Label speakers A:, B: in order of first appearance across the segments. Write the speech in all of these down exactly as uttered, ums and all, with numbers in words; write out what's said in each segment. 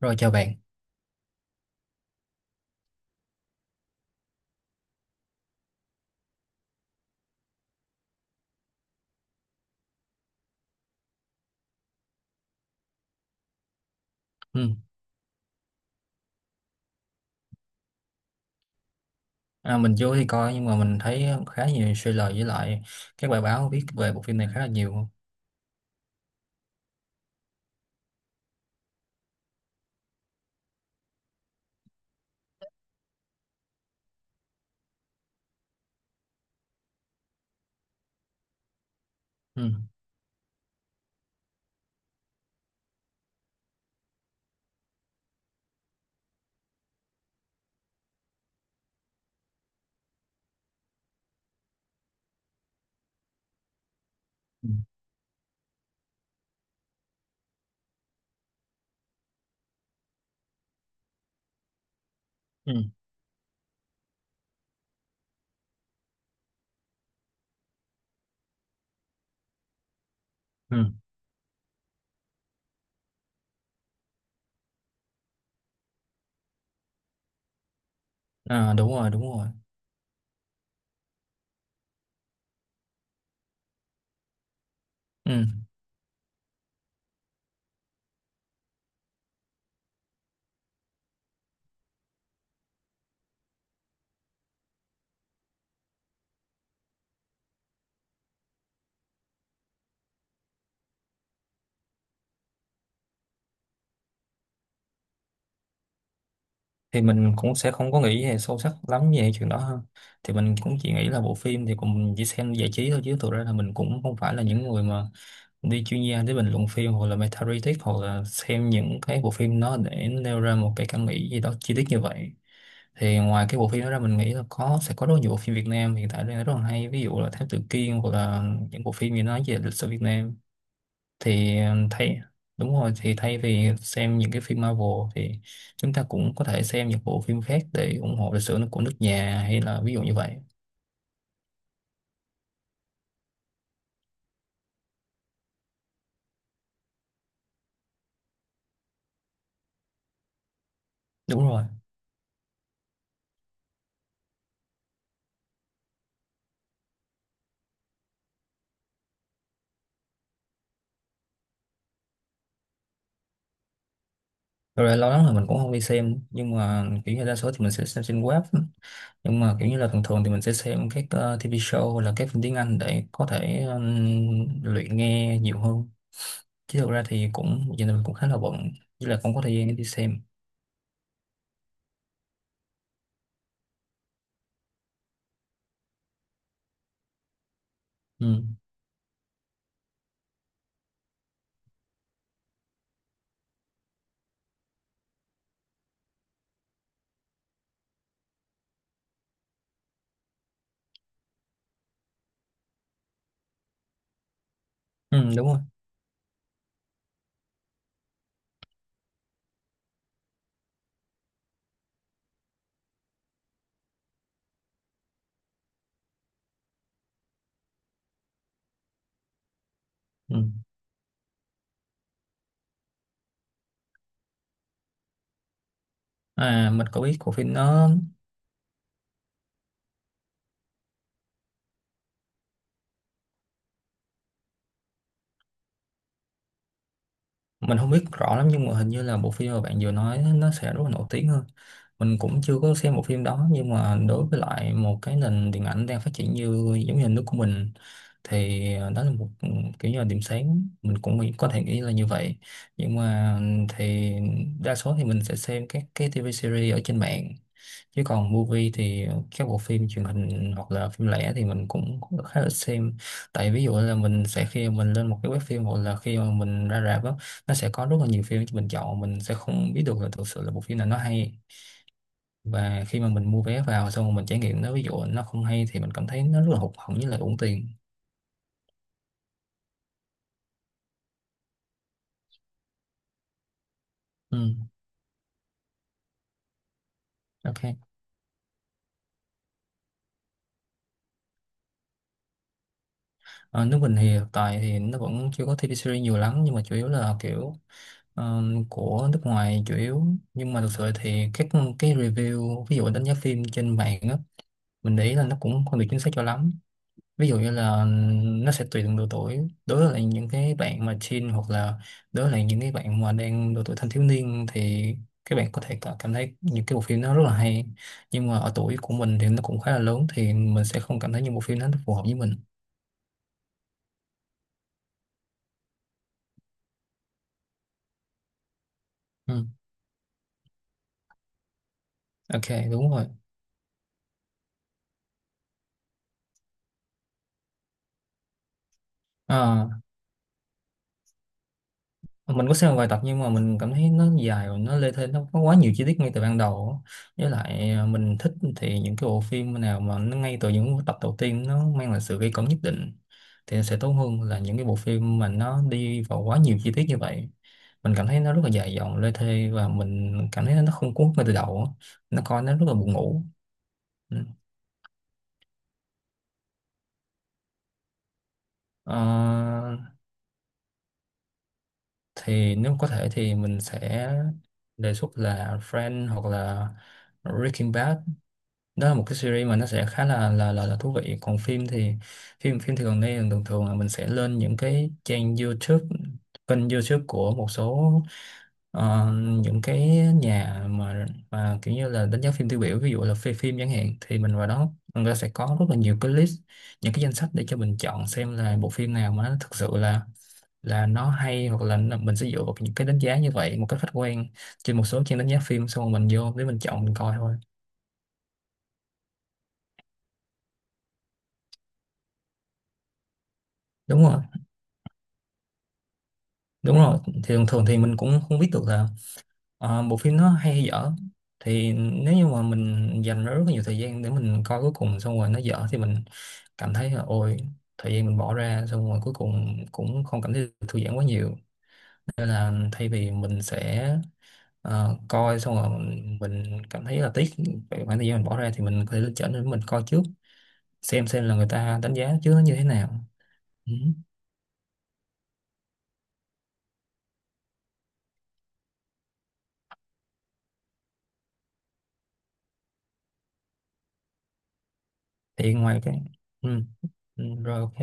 A: Rồi chào bạn. Ừ. À, mình vô thì coi nhưng mà mình thấy khá nhiều trailer với lại các bài báo viết về bộ phim này khá là nhiều. Ừ. Ừ. Ừ. Ừ. À, đúng rồi, đúng rồi. Ừ. Thì mình cũng sẽ không có nghĩ về sâu sắc lắm về chuyện đó ha. Thì mình cũng chỉ nghĩ là bộ phim thì cũng chỉ xem giải trí thôi, chứ thực ra là mình cũng không phải là những người mà đi chuyên gia để bình luận phim hoặc là meta critic, hoặc là xem những cái bộ phim nó để nêu ra một cái cảm nghĩ gì đó chi tiết như vậy. Thì ngoài cái bộ phim đó ra, mình nghĩ là có sẽ có rất nhiều bộ phim Việt Nam hiện tại đang rất là hay, ví dụ là Thám Tử Kiên hoặc là những bộ phim gì nói về lịch sử Việt Nam thì um, thay đúng rồi, thì thay vì xem những cái phim Marvel thì chúng ta cũng có thể xem những bộ phim khác để ủng hộ lịch sử của nước nhà, hay là ví dụ như vậy. Đúng rồi. Thật ra lâu lắm rồi mình cũng không đi xem, nhưng mà kiểu như đa số thì mình sẽ xem trên web. Nhưng mà kiểu như là thường thường thì mình sẽ xem các ờ, ti vi show hoặc là các phim tiếng Anh để có thể ừm, luyện nghe nhiều hơn, chứ thực ra thì cũng giờ này mình cũng khá là bận, chứ là không có thời gian để đi xem. Ừ. Ừ, đúng rồi. Ừ. À mình có biết của phim đó. Mình không biết rõ lắm nhưng mà hình như là bộ phim mà bạn vừa nói nó sẽ rất là nổi tiếng hơn. Mình cũng chưa có xem bộ phim đó, nhưng mà đối với lại một cái nền điện ảnh đang phát triển như giống như nước của mình thì đó là một ừ, kiểu như là điểm sáng, mình cũng nghĩ- có thể nghĩ là như vậy. Nhưng mà thì đa số thì mình sẽ xem các cái ti vi series ở trên mạng, chứ còn movie thì các bộ phim truyền hình hoặc là phim lẻ thì mình cũng cũng khá là xem. Tại ví dụ là mình sẽ khi mình lên một cái web phim hoặc là khi mà mình ra rạp á, nó sẽ có rất là nhiều phim cho mình chọn, mình sẽ không biết được là thực sự là bộ phim nào nó hay. Và khi mà mình mua vé vào xong rồi mình trải nghiệm nó, ví dụ nó không hay thì mình cảm thấy nó rất là hụt hẫng với lại uổng tiền. Ừ. OK. Ờ, nước mình thì hiện tại thì nó vẫn chưa có ti vi series nhiều lắm, nhưng mà chủ yếu là kiểu ờ, của nước ngoài chủ yếu. Nhưng mà thực sự thì các cái review, ví dụ đánh giá phim trên mạng á, mình để ý là nó cũng không được chính xác cho lắm. Ví dụ như là nó sẽ tùy từng độ tuổi. Đối với lại những cái bạn mà teen hoặc là đối với lại những cái bạn mà đang độ tuổi thanh thiếu niên thì các bạn có thể cả- cảm thấy những cái bộ phim nó rất là hay, nhưng mà ở tuổi của mình thì nó cũng khá là lớn thì mình sẽ không cảm thấy những bộ phim nó phù hợp với mình. Ừ. OK. Đúng rồi. Ờ. Mình có xem một vài tập nhưng mà mình cảm thấy nó dài và nó lê thê, nó có quá nhiều chi tiết ngay từ ban đầu á. Với lại à, mình thích thì những cái bộ phim nào mà nó ngay từ những tập đầu tiên nó mang lại sự gây cấn nhất định thì nó sẽ tốt hơn là những cái bộ phim mà nó đi vào quá nhiều chi tiết như vậy. Mình cảm thấy nó rất là dài dòng lê thê và mình cảm thấy nó không cuốn hút ngay từ đầu á. Nó coi nó rất là buồn ngủ. Ừ. Ờ, thì nếu có thể thì mình sẽ đề xuất là Friends hoặc là Breaking Bad. Đó là một cái series mà nó sẽ khá là là là, là thú vị. Còn phim thì phim phim thì gần đây thường thường là mình sẽ lên những cái trang YouTube, kênh YouTube của một số ờ, những cái nhà mà mà kiểu như là đánh giá phim tiêu biểu, ví dụ là phim phim chẳng hạn, thì mình vào đó người ta sẽ có rất là nhiều cái list, những cái danh sách để cho mình chọn xem là bộ phim nào mà nó thực sự là là nó hay, hoặc là nó- mình sẽ dựa vào những cái đánh giá như vậy một cách khách quan trên một số trang đánh giá phim, xong rồi mình vô để mình chọn mình coi thôi. Đúng rồi. Đúng rồi, thì thường thường thì mình cũng không biết được là ờ, bộ phim nó hay hay dở. Thì nếu như mà mình dành rất là nhiều thời gian để mình coi cuối cùng xong rồi nó dở thì mình cảm thấy là ôi, thời gian mình bỏ ra xong rồi cuối cùng cũng không cảm thấy được thư giãn quá nhiều. Nên là thay vì mình sẽ ờ, coi xong rồi mình, mình cảm thấy là tiếc về khoảng thời gian mình bỏ ra, thì mình có thể lựa chọn để mình coi trước, xem xem là người ta đánh giá trước nó như thế nào. Ừ. Thì ngoài cái ừ. Ừ, rồi OK.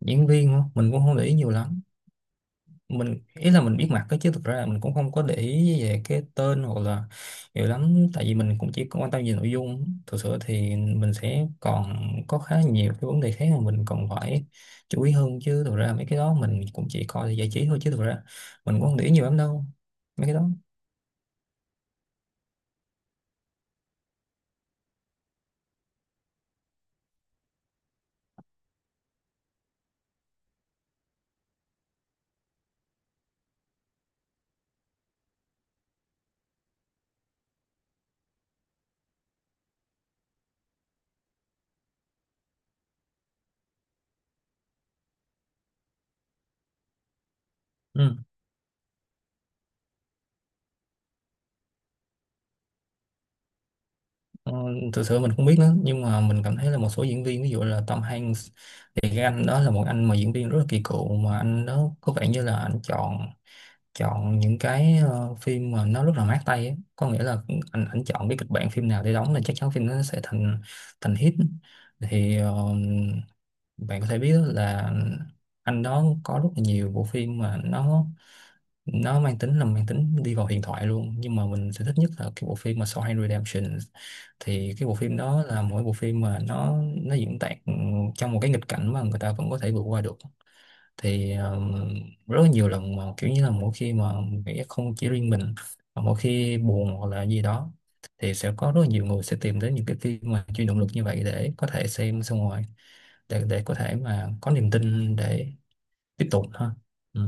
A: Diễn viên hả? Mình cũng không để ý nhiều lắm. Mình ý là mình biết mặt đó, chứ thực ra là mình cũng không có để ý về cái tên hoặc là nhiều lắm, tại vì mình cũng chỉ quan tâm về nội dung. Thực sự thì mình sẽ còn có khá nhiều cái vấn đề khác mà mình còn phải chú ý hơn, chứ thực ra mấy cái đó mình cũng chỉ coi để giải trí thôi, chứ thực ra mình cũng không để ý nhiều lắm đâu mấy cái đó. Ừ. Ờ, thực sự mình không biết nữa nhưng mà mình cảm thấy là một số diễn viên ví dụ là Tom Hanks thì cái anh đó là một anh mà diễn viên rất là kỳ cựu, mà anh đó có vẻ như là anh chọn chọn những cái ờ, phim mà nó rất là mát tay ấy. Có nghĩa là anh anh chọn cái kịch bản phim nào để đóng là chắc chắn phim nó sẽ thành thành hit. Thì ờ, bạn có thể biết là anh đó có rất là nhiều bộ phim mà nó nó mang tính là mang tính đi vào huyền thoại luôn, nhưng mà mình sẽ thích nhất là cái bộ phim mà Shawshank Redemption. Thì cái bộ phim đó là mỗi bộ phim mà nó nó diễn tả trong một cái nghịch cảnh mà người ta vẫn có thể vượt qua được. Thì ờ, rất là nhiều lần mà kiểu như là mỗi khi mà nghĩ không chỉ riêng mình, mà mỗi khi buồn hoặc là gì đó thì sẽ có rất là nhiều người sẽ tìm đến những cái phim mà chuyên động lực như vậy để có thể xem xong rồi để để có thể mà có niềm tin để tiếp tục ha. Ừ.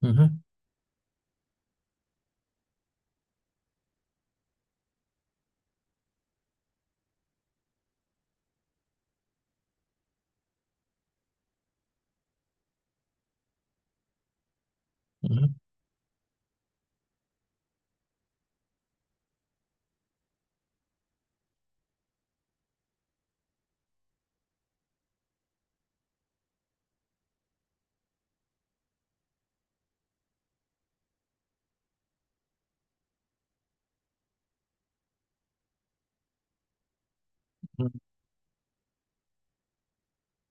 A: Ừ. Hứ, ừ hứ, ừ.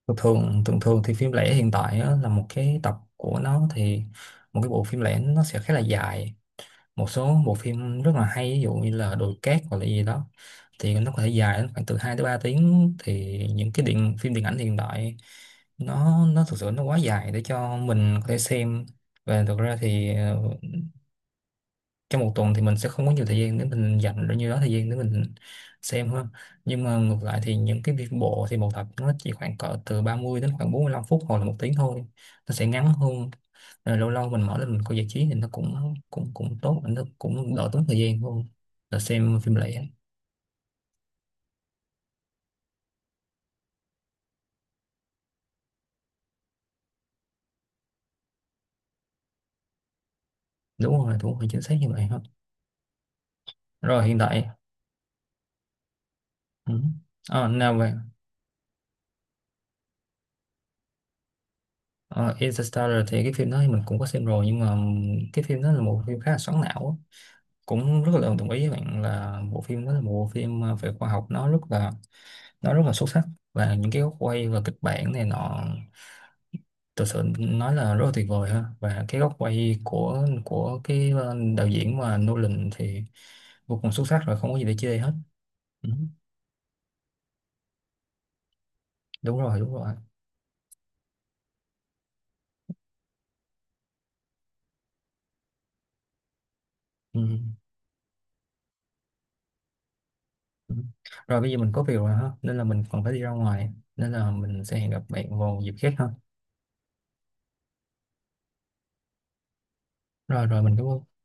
A: Thường thường thường thường thì phim lẻ hiện tại á, là một cái tập của nó thì một cái bộ phim lẻ nó sẽ khá là dài. Một số bộ phim rất là hay ví dụ như là Đồi Cát hoặc là gì đó thì nó có thể dài đến khoảng từ hai tới ba tiếng. Thì những cái điện phim điện ảnh hiện đại nó nó thực sự nó quá dài để cho mình có thể xem. Và thực ra thì ờ, trong một tuần thì mình sẽ không có nhiều thời gian để mình dành bao nhiêu đó thời gian để mình xem ha. Nhưng mà ngược lại thì những cái việc bộ thì một tập nó chỉ khoảng cỡ từ ba mươi đến khoảng bốn mươi lăm phút hoặc là một tiếng thôi, nó sẽ ngắn hơn. Rồi lâu lâu mình mở lên mình coi giải trí thì nó cũng cũng cũng tốt, nó cũng đỡ tốn thời gian hơn là xem phim lẻ. Đúng rồi. Đúng rồi, chính xác như vậy ha. Rồi hiện tại ừ. À, nào về Ờ, Interstellar thì cái phim đó thì mình cũng có xem rồi nhưng mà cái phim đó là một phim khá là xoắn não á. Cũng rất là đồng ý với bạn là bộ phim đó là một bộ phim ờ, về khoa học, nó rất là nó rất là xuất sắc. Và những cái góc quay và kịch bản này nọ thực sự nói là rất là tuyệt vời ha. Và cái góc quay của của cái ờ, đạo diễn mà Nolan thì vô cùng xuất sắc, rồi không có gì để chê hết. Ừ. Đúng rồi, đúng rồi. Ừ. Ừ. Rồi bây giờ mình có việc rồi ha, nên là mình còn phải đi ra ngoài, nên là mình sẽ hẹn gặp bạn vào dịp khác ha. Rồi rồi mình cảm ơn.